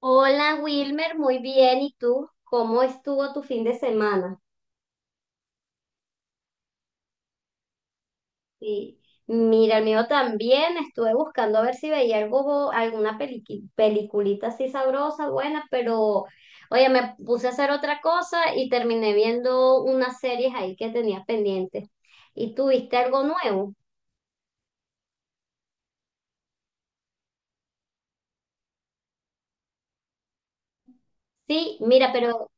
Hola Wilmer, muy bien. ¿Y tú? ¿Cómo estuvo tu fin de semana? Y mira, el mío también. Estuve buscando a ver si veía algo, alguna peliculita así sabrosa, buena, pero oye, me puse a hacer otra cosa y terminé viendo unas series ahí que tenía pendientes. ¿Y tú viste algo nuevo? Sí, mira, pero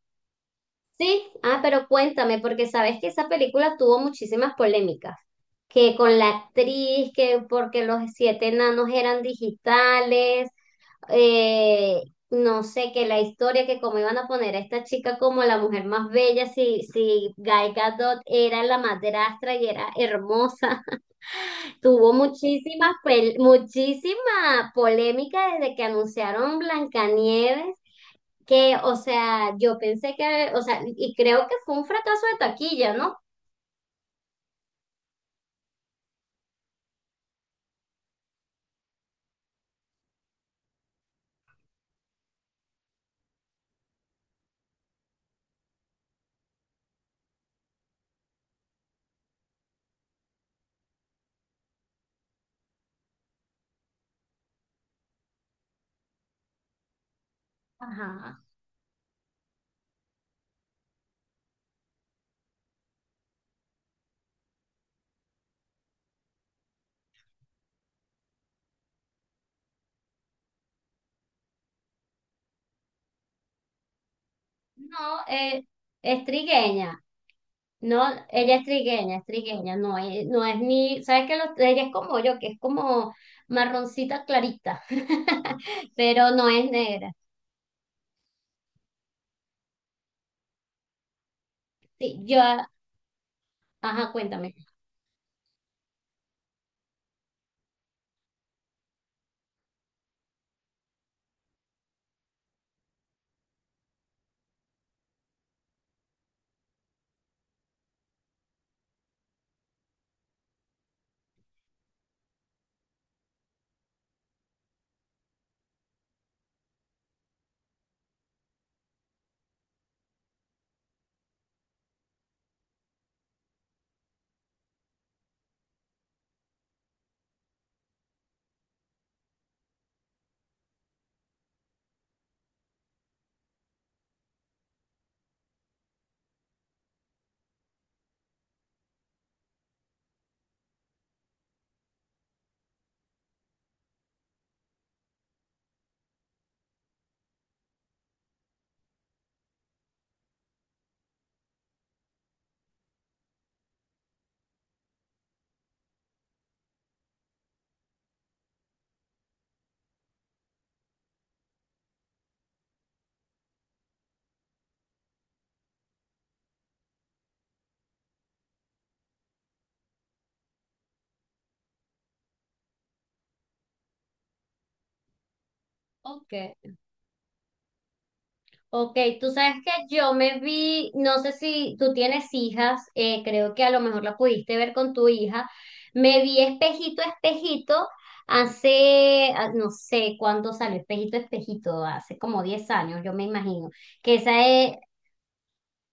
sí, ah, pero cuéntame, porque sabes que esa película tuvo muchísimas polémicas, que con la actriz, que porque los siete enanos eran digitales, eh, no sé, que la historia, que cómo iban a poner a esta chica como la mujer más bella, si Gal Gadot era la madrastra y era hermosa, tuvo muchísima polémica desde que anunciaron Blancanieves que, o sea, yo pensé que, o sea, y creo que fue un fracaso de taquilla, ¿no? Ajá. No, eh, es trigueña. No, ella es trigueña, es trigueña. No, no es ni, ¿sabes que los, ella es como yo, que es como marroncita clarita, pero no es negra. Sí, yo, ajá, cuéntame. Ok. Ok, tú sabes que yo me vi, no sé si tú tienes hijas, creo que a lo mejor la pudiste ver con tu hija, me vi espejito, espejito, hace, ah, no sé cuándo salió espejito, espejito, hace como 10 años, yo me imagino, que esa es,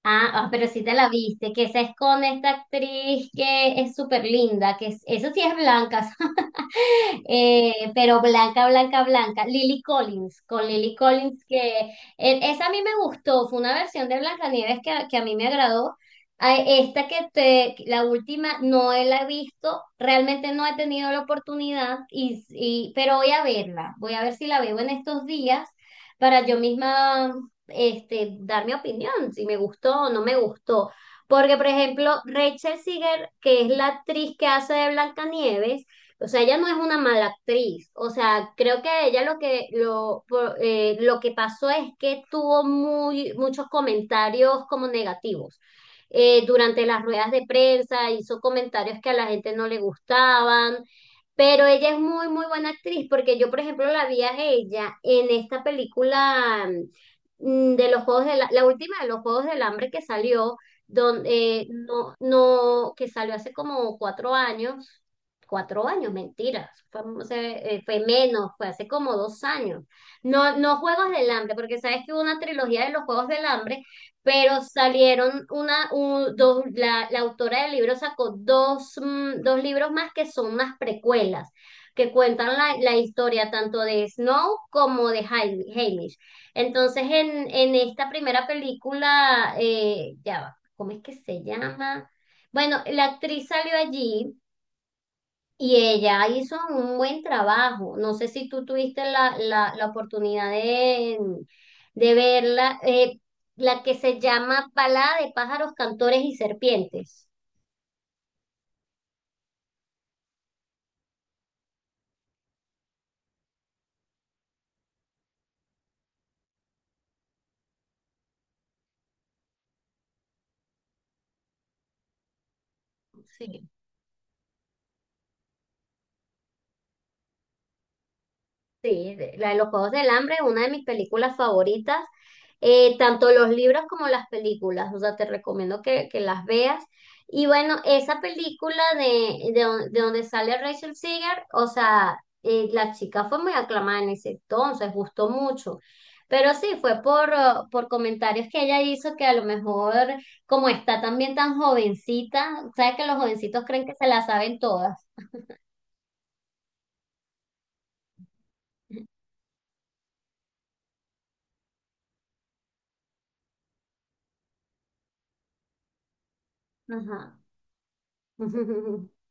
pero sí te la viste, que esa es con esta actriz que es súper linda, eso sí es blanca, pero blanca, blanca, blanca. Lily Collins, con Lily Collins, que esa a mí me gustó, fue una versión de Blancanieves que a mí me agradó. A esta que te, la última, no la he visto, realmente no he tenido la oportunidad, pero voy a verla, voy a ver si la veo en estos días para yo misma este, dar mi opinión, si me gustó o no me gustó. Porque, por ejemplo, Rachel Ziegler, que es la actriz que hace de Blancanieves, o sea, ella no es una mala actriz. O sea, creo que ella lo que pasó es que tuvo muy, muchos comentarios como negativos. Durante las ruedas de prensa hizo comentarios que a la gente no le gustaban, pero ella es muy, muy buena actriz porque yo, por ejemplo, la vi a ella en esta película de los Juegos de la, la última de los Juegos del Hambre que salió, donde, no, que salió hace como 4 años 4 años, mentiras, fue menos, fue hace como 2 años. No, no Juegos del Hambre, porque sabes que hubo una trilogía de los Juegos del Hambre, pero salieron dos, la autora del libro sacó dos, dos libros más que son unas precuelas, que cuentan la, la historia tanto de Snow como de Haymitch. Entonces, en esta primera película, ya va, ¿cómo es que se llama? Bueno, la actriz salió allí y ella hizo un buen trabajo. No sé si tú tuviste la, la, la oportunidad de verla, la que se llama Balada de pájaros, cantores y serpientes. Sí, sí, la de los Juegos del Hambre es una de mis películas favoritas, tanto los libros como las películas, o sea, te recomiendo que las veas. Y bueno, esa película de, de donde sale Rachel Seeger, o sea, la chica fue muy aclamada en ese entonces, gustó mucho. Pero sí, fue por comentarios que ella hizo que a lo mejor, como está también tan jovencita, sabes que los jovencitos creen que se la saben todas. Ajá.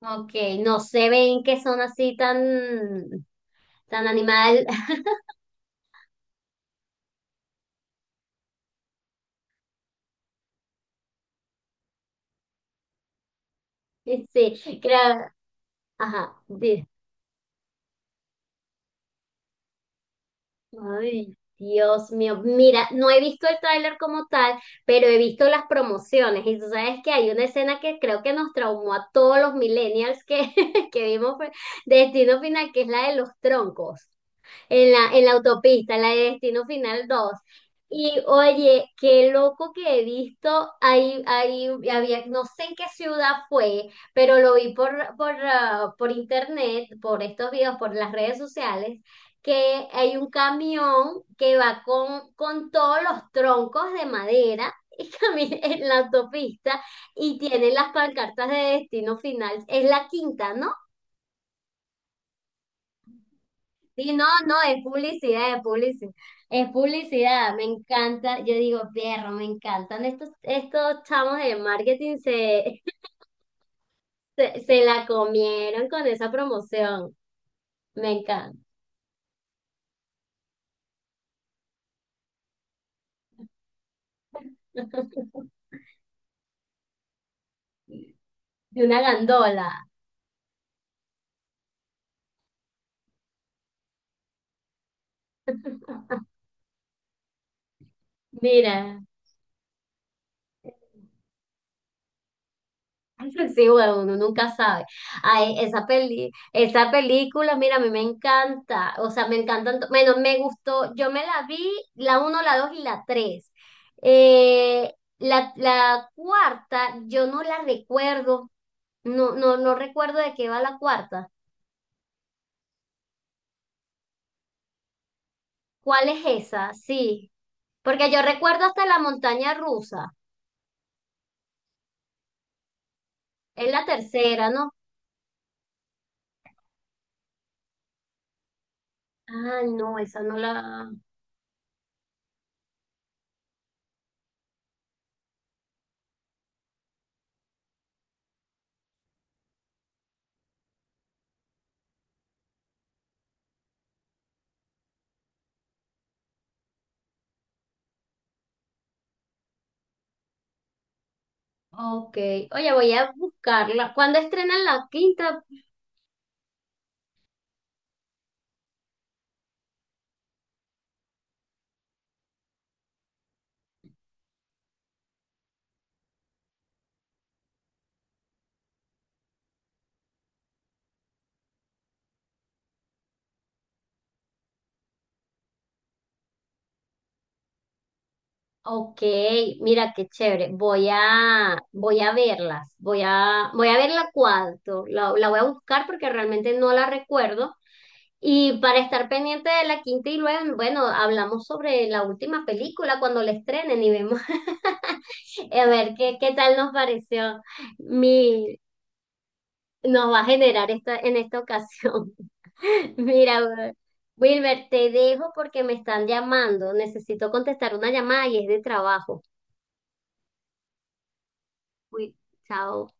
Ok, no se ven que son así tan, tan animal. Sí, creo. Ajá. Ay, Dios mío. Mira, no he visto el tráiler como tal, pero he visto las promociones. Y tú sabes que hay una escena que creo que nos traumó a todos los millennials que, que vimos fue Destino Final, que es la de los troncos. En la, en la autopista, en la de Destino Final dos. Y oye, qué loco que he visto, ahí, ahí había, no sé en qué ciudad fue, pero lo vi por, por internet, por estos videos, por las redes sociales, que hay un camión que va con todos los troncos de madera y camina en la autopista y tiene las pancartas de destino final. Es la quinta, ¿no? Sí, no, no, es publicidad, es publicidad, es publicidad, me encanta, yo digo, perro, me encantan estos, estos chamos de marketing, se, se la comieron con esa promoción, me encanta, de una gandola, mira. Sí, bueno, uno nunca sabe. Ay, esa peli, esa película, mira, a mí me encanta. O sea, me encantan. Bueno, me gustó. Yo me la vi, la uno, la dos y la tres. La, la cuarta, yo no la recuerdo. No, no, no recuerdo de qué va la cuarta. ¿Cuál es esa? Sí. Porque yo recuerdo hasta la montaña rusa. Es la tercera, ¿no? Ah, no, esa no la. Ok. Oye, voy a buscarla. ¿Cuándo estrenan la quinta? Ok, mira qué chévere. Voy a, voy a verlas. Voy a, voy a verla la. La voy a buscar porque realmente no la recuerdo. Y para estar pendiente de la quinta y luego, bueno, hablamos sobre la última película cuando la estrenen y vemos a ver qué, qué tal nos pareció. Mi, nos va a generar esta, en esta ocasión. Mira, Wilmer, te dejo porque me están llamando. Necesito contestar una llamada y es de trabajo. Uy, chao.